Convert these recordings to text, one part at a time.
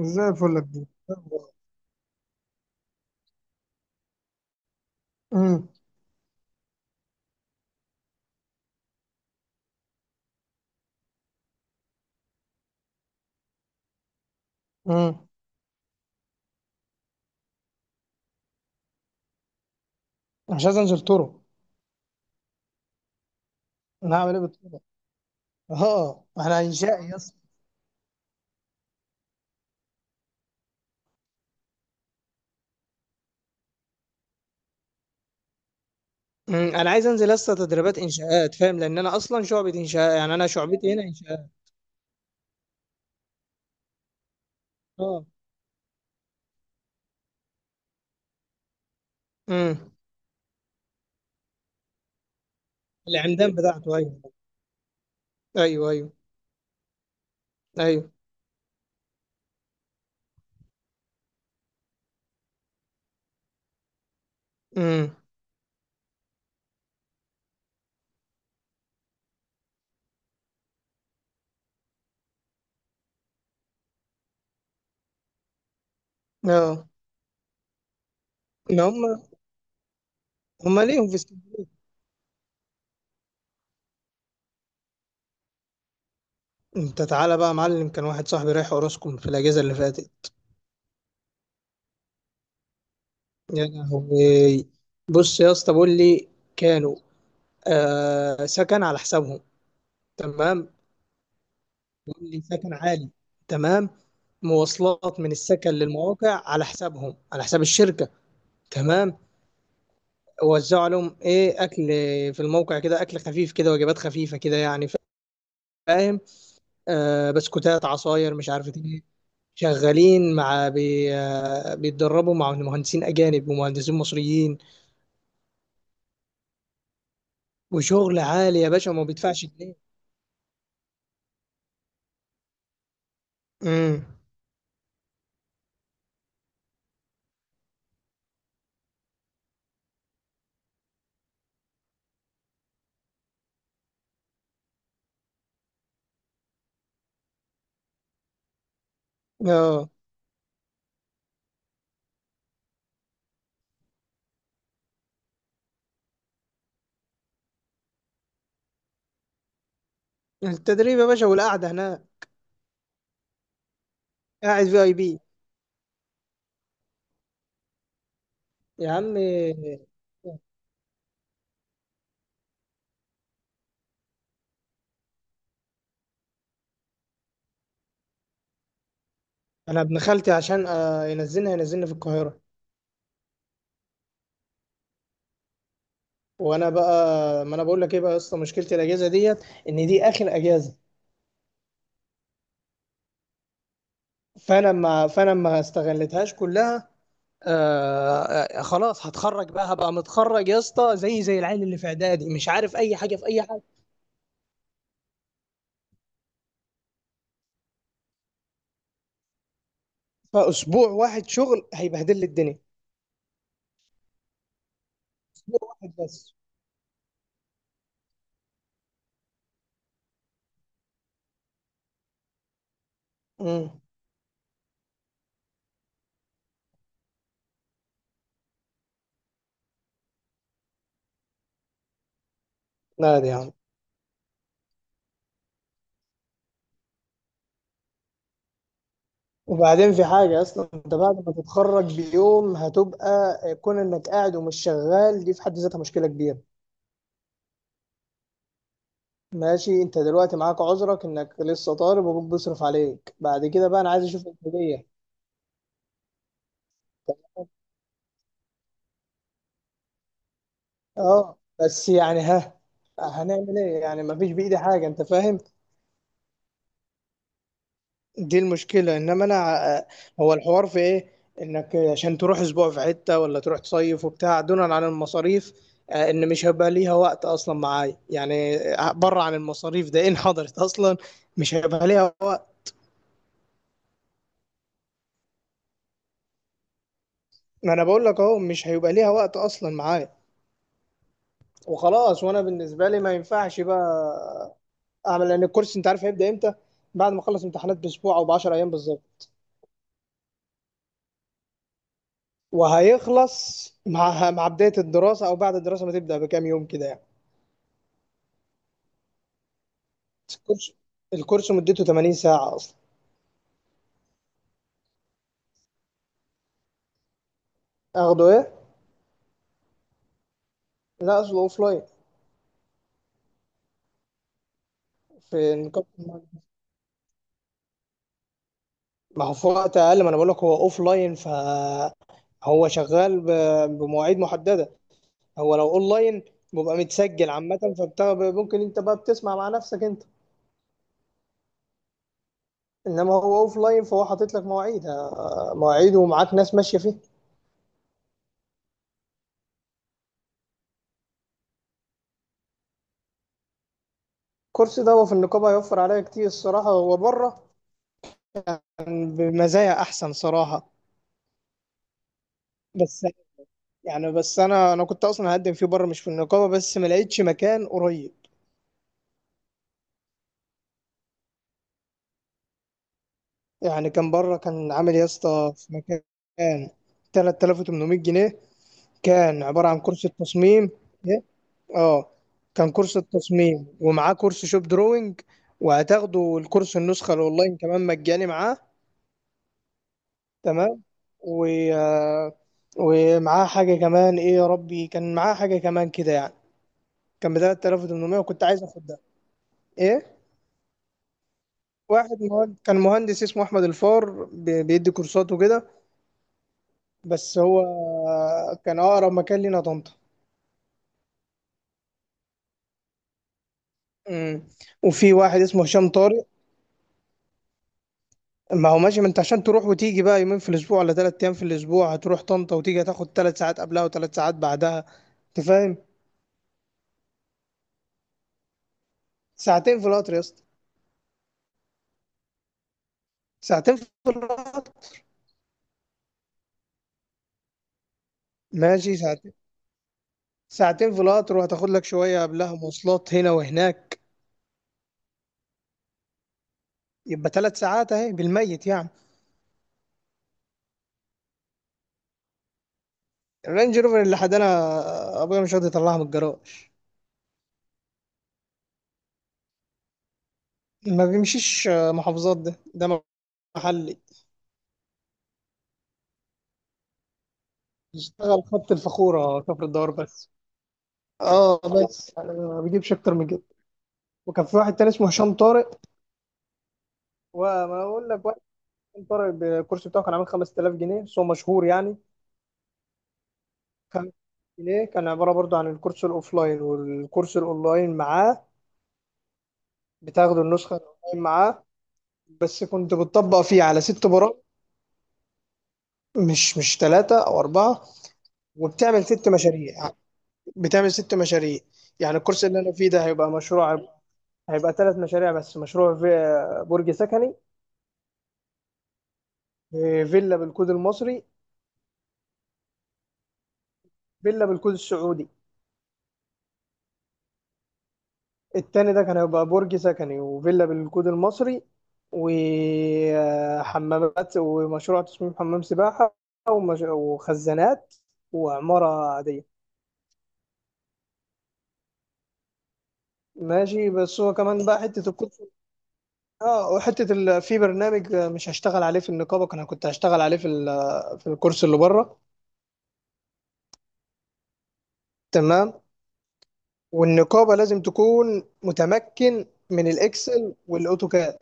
زي الفل يا كبير. امم. امم. مش عايز انزل طرق. انا هعمل ايه بالطرق؟ اه، انا انشائي يا اسطى. انا عايز انزل لسه تدريبات انشاءات، فاهم؟ لان انا اصلا شعبة انشاء، يعني انا شعبتي هنا انشاءات. اه. امم. العمدان بتاعته، ايوه. ايوه ايوه. ايوه. امم. اه. ما هم هم ليهم في اسكندريه. انت تعالى بقى يا معلم، كان واحد صاحبي رايح اوراسكوم في الاجازه اللي فاتت. يا لهوي. بص يا اسطى بقول لي. كانوا آه، سكن على حسابهم. تمام. اللي سكن عالي. تمام. مواصلات من السكن للمواقع على حسابهم، على حساب الشركة. تمام. وزعوا لهم ايه، اكل؟ في الموقع كده اكل خفيف كده، وجبات خفيفة كده يعني، فاهم؟ آه، بسكوتات، عصاير، مش عارف ايه. شغالين مع بي آه بيتدربوا مع مهندسين اجانب ومهندسين مصريين. وشغل عالي يا باشا، وما بيدفعش جنيه. امم. اه. التدريب يا باشا والقعدة هناك. قاعد في اي بي. يا عم. انا ابن خالتي عشان ينزلني، هينزلني في القاهره. وانا بقى، ما انا بقول لك ايه بقى يا اسطى، مشكلتي الاجازه ديت، ان دي اخر اجازه. فانا ما استغلتهاش كلها. آه. آه، خلاص، هتخرج بقى، هبقى متخرج يا اسطى، زي العيل اللي في اعدادي، مش عارف اي حاجه في اي حاجه. فاسبوع واحد شغل هيبهدل لي الدنيا. واحد بس. امم. لا، دي يا عم. وبعدين في حاجة أصلا، أنت بعد ما تتخرج بيوم هتبقى كون إنك قاعد ومش شغال، دي في حد ذاتها مشكلة كبيرة. ماشي، انت دلوقتي معاك عذرك انك لسه طالب وابوك بيصرف عليك، بعد كده بقى انا عايز اشوف الكلية. اه بس يعني، ها؟ هنعمل ايه يعني؟ ما فيش بايدي حاجه، انت فاهم. دي المشكله، انما انا هو الحوار في ايه؟ انك عشان تروح اسبوع في حته، ولا تروح تصيف وبتاع، دونا عن المصاريف. آه، ان مش هيبقى ليها وقت اصلا معايا يعني، بره عن المصاريف، ده ان حضرت اصلا مش هيبقى ليها وقت. ما انا بقول لك اهو، مش هيبقى ليها وقت اصلا معايا، وخلاص، وانا بالنسبه لي ما ينفعش بقى اعمل، لان الكورس انت عارف هيبدا امتى؟ بعد ما اخلص امتحانات باسبوع او ب 10 ايام بالظبط، وهيخلص مع بدايه الدراسه، او بعد الدراسه ما تبدا بكام يوم كده يعني. بس الكورس، مدته 80 ساعه اصلا. اخده ايه؟ لا، اصله اوف لاين. في نقاط المعرفة. ما هو في وقت اقل، ما انا بقول لك هو اوف لاين، فهو شغال بمواعيد محدده. هو لو اون لاين بيبقى متسجل عامه، فممكن انت بقى بتسمع مع نفسك انت. انما هو اوف لاين، فهو حاطط لك مواعيد، مواعيد ومعاك ناس ماشيه فيه. الكورس ده هو في النقابه هيوفر عليا كتير الصراحه، هو بره كان بمزايا احسن صراحه، بس. يعني بس انا كنت اصلا هقدم فيه بره مش في النقابه، بس ما لقيتش مكان قريب. يعني كان بره، كان عامل يا اسطى في مكان 3800 جنيه. كان عباره عن كورس التصميم. إيه؟ اه، كان كورس التصميم ومعاه كورس شوب دروينج، وهتاخدوا الكورس النسخه الاونلاين كمان مجاني معاه. تمام. و، آه، ومعاه حاجة كمان، ايه يا ربي، كان معاه حاجة كمان كده يعني. كان ب 3800، وكنت عايز اخد ده. ايه؟ واحد كان مهندس اسمه احمد الفار، بيدي كورسات وكده. بس هو، كان اقرب مكان لينا طنطا. امم. وفي واحد اسمه هشام طارق. ما هو ماشي، ما انت عشان تروح وتيجي بقى يومين في الاسبوع ولا 3 ايام في الاسبوع، هتروح طنطا وتيجي هتاخد 3 ساعات قبلها وثلاث ساعات بعدها، انت فاهم؟ ساعتين في القطر يا اسطى. ساعتين في القطر. ماشي، ساعتين. ساعتين في القطر، وهتاخد لك شوية قبلها مواصلات هنا وهناك، يبقى 3 ساعات اهي بالميت يعني. الرينج روفر اللي حدانا، ابويا مش راضي يطلعها من الجراج. ما بيمشيش محافظات، ده ده محلي، يشتغل خط الفخورة كفر الدوار بس. اه، بس انا ما بجيبش اكتر من كده. وكان في واحد تاني اسمه هشام طارق. وما اقول لك واحد، هشام طارق بالكرسي بتاعه كان عامل 5000 جنيه، بس هو مشهور يعني. 5000 جنيه كان عبارة برضو عن الكورس الاوفلاين والكورس الاونلاين معاه، بتاخدوا النسخة الأونلاين معاه. بس كنت بتطبق فيه على 6 برامج، مش ثلاثة أو أربعة. وبتعمل 6 مشاريع. بتعمل 6 مشاريع. يعني الكورس اللي أنا فيه ده هيبقى مشروع، هيبقى 3 مشاريع بس، مشروع في برج سكني، فيلا بالكود المصري، فيلا بالكود السعودي. التاني ده كان هيبقى برج سكني، وفيلا بالكود المصري، وحمامات، ومشروع تصميم حمام سباحة، وخزانات، وعمارة عادية. ماشي، بس هو كمان بقى حته الكود. اه، وحته في برنامج مش هشتغل عليه في النقابه، انا كنت هشتغل عليه في في الكورس اللي بره. تمام. والنقابه لازم تكون متمكن من الاكسل والاوتوكاد.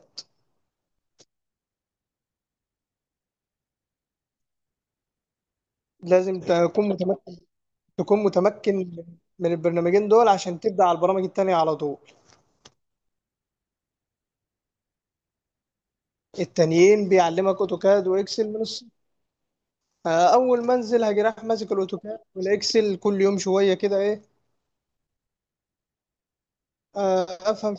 لازم تكون متمكن من البرنامجين دول عشان تبدا على البرامج التانيه على طول. التانيين بيعلمك اوتوكاد واكسل من الصفر. آه، اول ما انزل هاجي رايح ماسك الاوتوكاد والاكسل كل يوم شويه كده ايه. آه، افهم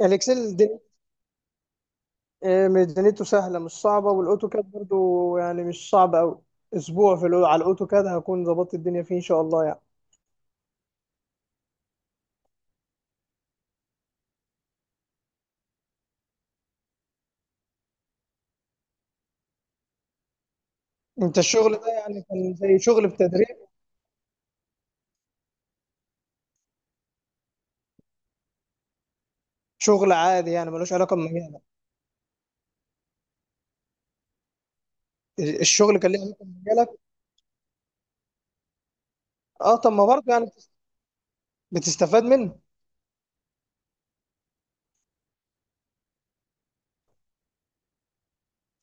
الاكسل. إيه، ميزانيته سهلة مش صعبة، والأوتوكاد برضو يعني مش صعب أوي. أسبوع في على الأوتوكاد هكون ظبطت الدنيا فيه إن شاء الله يعني. أنت الشغل ده يعني كان زي شغل بتدريب؟ شغل عادي يعني ملوش علاقة بمجالك. الشغل كان ليه علاقة بمجالك. أه، طب ما برضه يعني بتستفاد منه.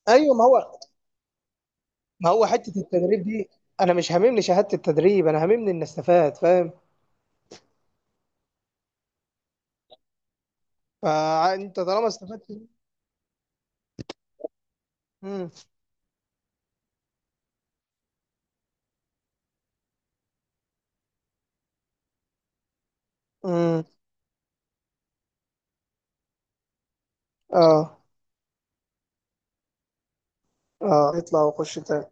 أيوه، ما هو، حتة التدريب دي، أنا مش هاممني شهادة التدريب، أنا هاممني إني أستفاد، فاهم؟ فأنت طالما استفدت. مم. مم. أه. أه، اطلع وخش تاني.